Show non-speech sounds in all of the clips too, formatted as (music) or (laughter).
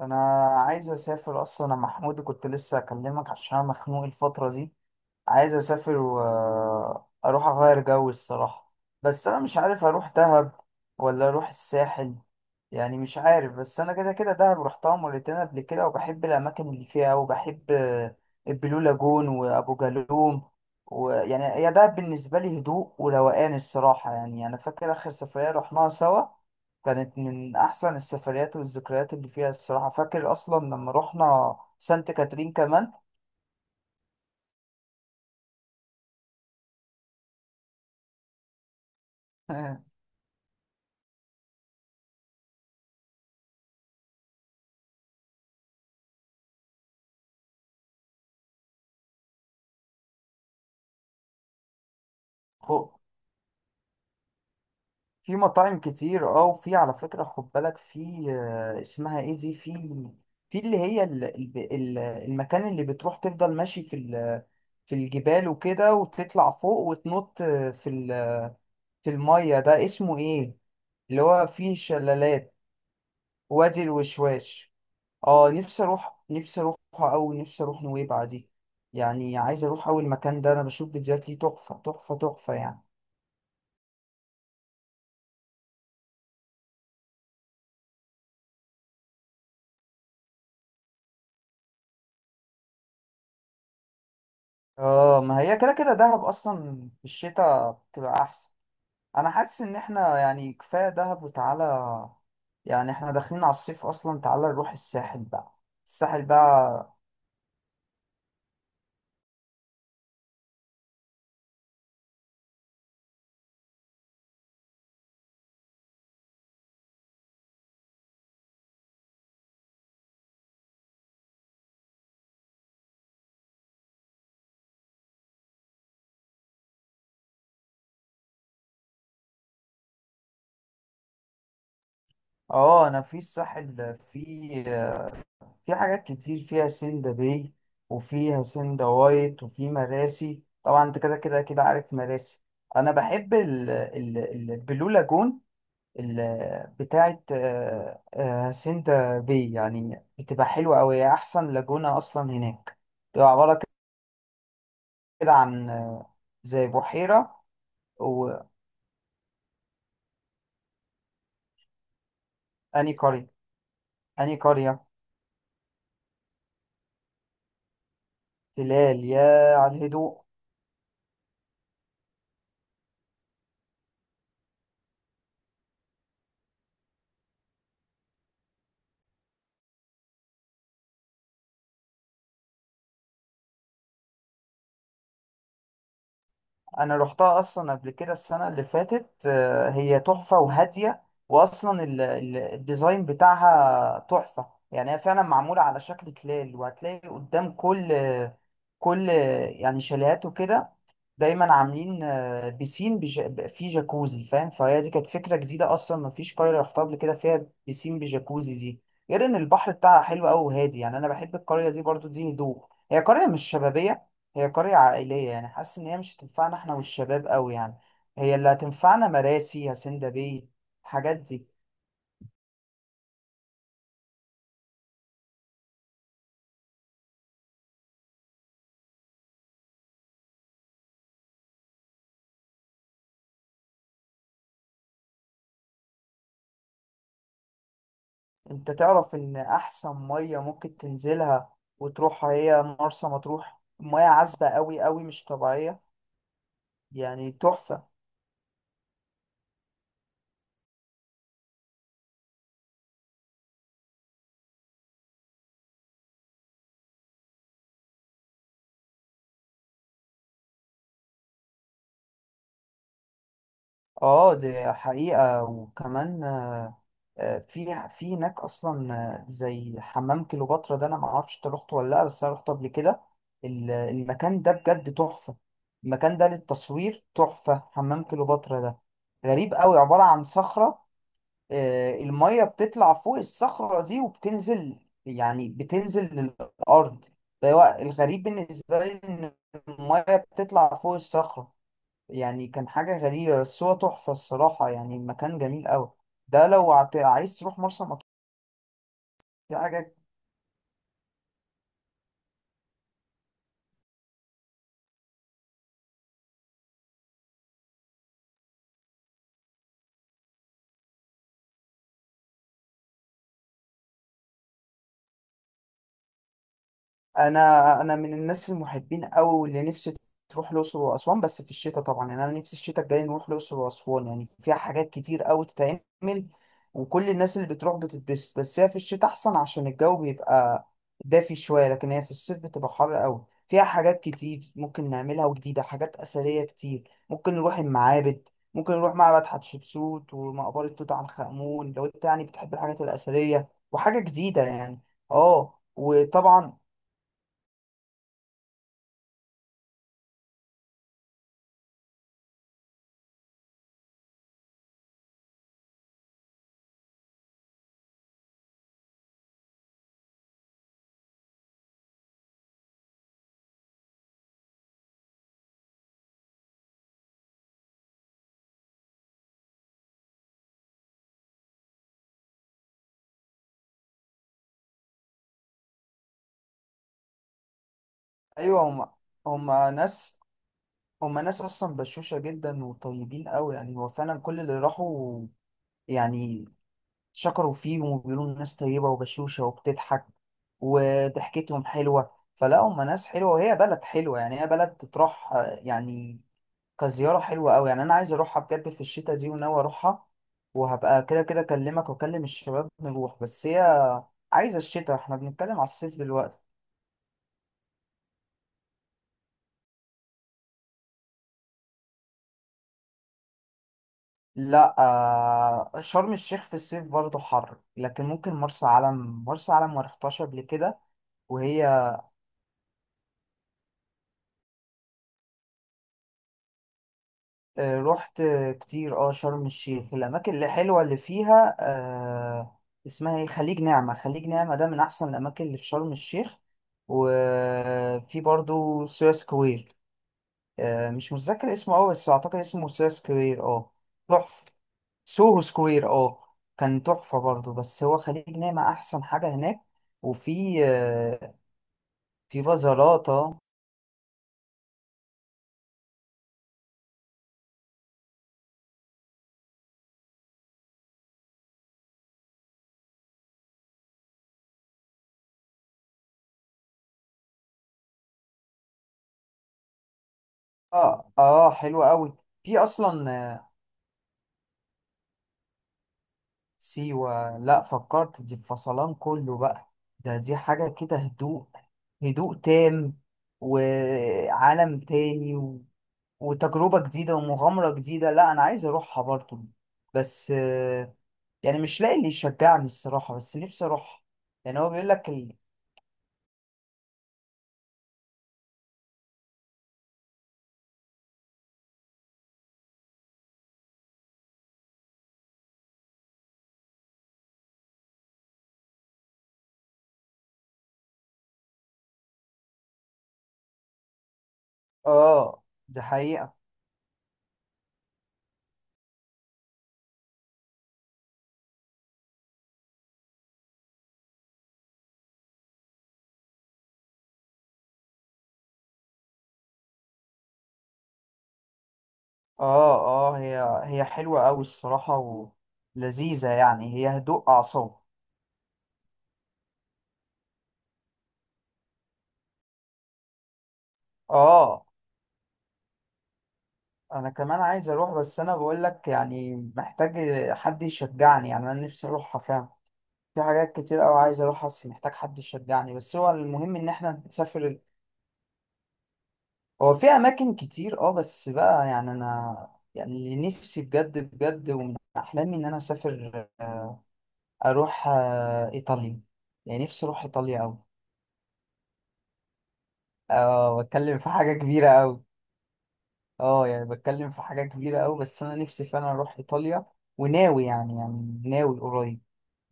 انا عايز اسافر اصلا، انا محمود كنت لسه اكلمك عشان انا مخنوق الفتره دي. عايز اسافر واروح اغير جو الصراحة. بس انا مش عارف اروح دهب ولا اروح الساحل، يعني مش عارف. بس انا كده كده دهب رحتها مرتين قبل كده، وبحب الاماكن اللي فيها وبحب البلو لاجون وابو جالوم. ويعني هي دهب بالنسبة لي هدوء وروقان الصراحة. يعني انا فاكر اخر سفرية رحناها سوا كانت من احسن السفريات والذكريات اللي فيها الصراحة. فاكر اصلا لما رحنا سانت كاترين كمان. (laughs) (laughs) في مطاعم كتير اه، وفي على فكرة خد بالك، في اسمها ايه دي، في اللي هي المكان اللي بتروح تفضل ماشي في في الجبال وكده، وتطلع فوق وتنط في في المية ده اسمه ايه؟ اللي هو فيه شلالات، وادي الوشواش. اه، نفسي اروح، نفسي اروح او نفسي اروح نويبع دي. يعني عايز اروح اول مكان ده، انا بشوف فيديوهات ليه تحفة تحفة تحفة يعني. اه، ما هي كده كده دهب اصلا في الشتاء بتبقى احسن. انا حاسس ان احنا يعني كفايه دهب وتعالى، يعني احنا داخلين على الصيف اصلا، تعالى نروح الساحل بقى. الساحل بقى. اه، انا في الساحل في حاجات كتير فيها سندا باي، وفيها سندا وايت، وفي مراسي طبعا. انت كده كده كده عارف مراسي. انا بحب البلو لاجون، بتاعت سندا باي، يعني بتبقى حلوه قوي. احسن لاجونه اصلا هناك، بتبقى عباره كده عن زي بحيرة. وأني قرية أني قرية تلال، يا على الهدوء. أنا روحتها أصلا قبل كده السنة اللي فاتت. هي تحفة وهادية، وأصلا الديزاين بتاعها تحفة. يعني هي فعلا معمولة على شكل تلال، وهتلاقي قدام كل يعني شاليهات وكده، دايما عاملين بيسين فيه جاكوزي فاهم. فهي دي كانت فكرة جديدة أصلا، مفيش قرية رحتها قبل كده فيها بيسين بجاكوزي دي. غير إن البحر بتاعها حلو أوي وهادي. يعني أنا بحب القرية دي برضو، دي هدوء. هي قرية مش شبابية، هي قرية عائلية. يعني حاسس إن هي مش هتنفعنا إحنا والشباب أوي يعني. هي اللي هتنفعنا مراسي هاسيندا باي. الحاجات دي، أنت تعرف إن أحسن مية ممكن تنزلها وتروحها هي مرسى مطروح؟ مياه عذبة أوي أوي مش طبيعية، يعني تحفة. اه، دي حقيقة. وكمان في هناك اصلا، زي حمام كليوباترا ده، انا ما اعرفش انت رحت ولا لا، بس انا رحت قبل كده. المكان ده بجد تحفة. المكان ده للتصوير تحفة. حمام كليوباترا ده غريب قوي، عبارة عن صخرة. المية بتطلع فوق الصخرة دي وبتنزل، يعني بتنزل للأرض. فهو الغريب بالنسبة لي إن المية بتطلع فوق الصخرة، يعني كان حاجة غريبة. بس هو تحفة الصراحة، يعني المكان جميل أوي. ده لو عايز تروح مرسى مطروح. دي حاجة. انا من الناس المحبين قوي اللي نفسي تروح الاقصر واسوان، بس في الشتاء طبعا. يعني انا نفسي الشتاء الجاي نروح الاقصر واسوان، يعني فيها حاجات كتير قوي تتعمل، وكل الناس اللي بتروح بتتبسط. بس هي في الشتاء احسن عشان الجو بيبقى دافي شويه، لكن هي في الصيف بتبقى حر قوي. فيها حاجات كتير ممكن نعملها، وجديده حاجات اثريه كتير، ممكن نروح المعابد، ممكن نروح معبد حتشبسوت ومقبره توت عنخ امون، لو انت يعني بتحب الحاجات الاثريه وحاجه جديده يعني. اه وطبعا. ايوه، هم ناس هم ناس اصلا بشوشه جدا وطيبين قوي. يعني هو فعلا كل اللي راحوا يعني شكروا فيهم وبيقولوا ناس طيبه وبشوشه وبتضحك، وضحكتهم حلوه. فلا هم ناس حلوه وهي بلد حلوه، يعني هي بلد تروح يعني كزياره حلوه قوي يعني. انا عايز اروحها بجد في الشتاء دي، وناوي اروحها. وهبقى كده كده اكلمك واكلم الشباب نروح. بس هي عايزه الشتاء، احنا بنتكلم على الصيف دلوقتي. لا شرم الشيخ في الصيف برضه حر، لكن ممكن مرسى علم، مرسى علم ما رحتهاش قبل كده. وهي رحت كتير اه شرم الشيخ. الأماكن اللي حلوة اللي فيها آه، اسمها ايه، خليج نعمة. خليج نعمة ده من أحسن الأماكن اللي في شرم الشيخ. وفي برضه سوهاج سكوير، مش متذكر اسمه أوي بس أعتقد اسمه سوهاج سكوير اه. تحفة. سوهو سكوير اه، كان تحفة برضه. بس هو خليج نعمة أحسن حاجة هناك. وفي في بازاراتا. اه اه، حلوة أوي. في أصلا سيوة. لأ، فكرت دي فصلان كله بقى. ده دي حاجة كده هدوء، هدوء تام، وعالم تاني، و... وتجربة جديدة ومغامرة جديدة. لأ أنا عايز أروحها برضه، بس يعني مش لاقي اللي يشجعني الصراحة، بس نفسي أروحها. يعني هو بيقول لك. اه دي حقيقة. اه اه، هي حلوة أوي الصراحة، ولذيذة، يعني هي هدوء أعصاب. اه أنا كمان عايز أروح، بس أنا بقولك يعني محتاج حد يشجعني. يعني أنا نفسي أروحها فعلا. في حاجات كتير أوي عايز أروحها، بس محتاج حد يشجعني. بس هو المهم إن إحنا نسافر. هو في أماكن كتير اه، بس بقى يعني أنا، يعني اللي نفسي بجد بجد ومن أحلامي إن أنا أسافر، أروح إيطاليا. يعني نفسي أروح إيطاليا أوي. اه بتكلم في حاجة كبيرة أوي، اه يعني بتكلم في حاجة كبيرة أوي، بس أنا نفسي فعلا أروح إيطاليا. وناوي يعني، ناوي قريب.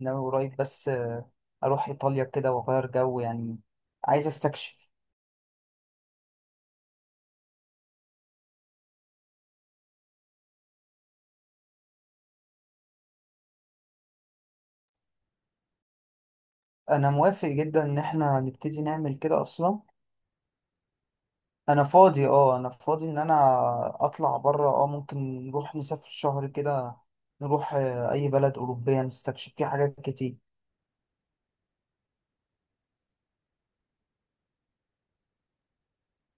ناوي قريب، بس أروح إيطاليا كده وأغير جو يعني. عايز أستكشف. أنا موافق جدا إن إحنا نبتدي نعمل كده أصلا. أنا فاضي اه، أنا فاضي إن أنا أطلع بره اه. ممكن نروح نسافر شهر كده، نروح أي بلد أوروبية نستكشف فيه حاجات كتير.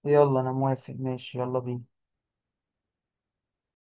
يلا أنا موافق ماشي، يلا بينا.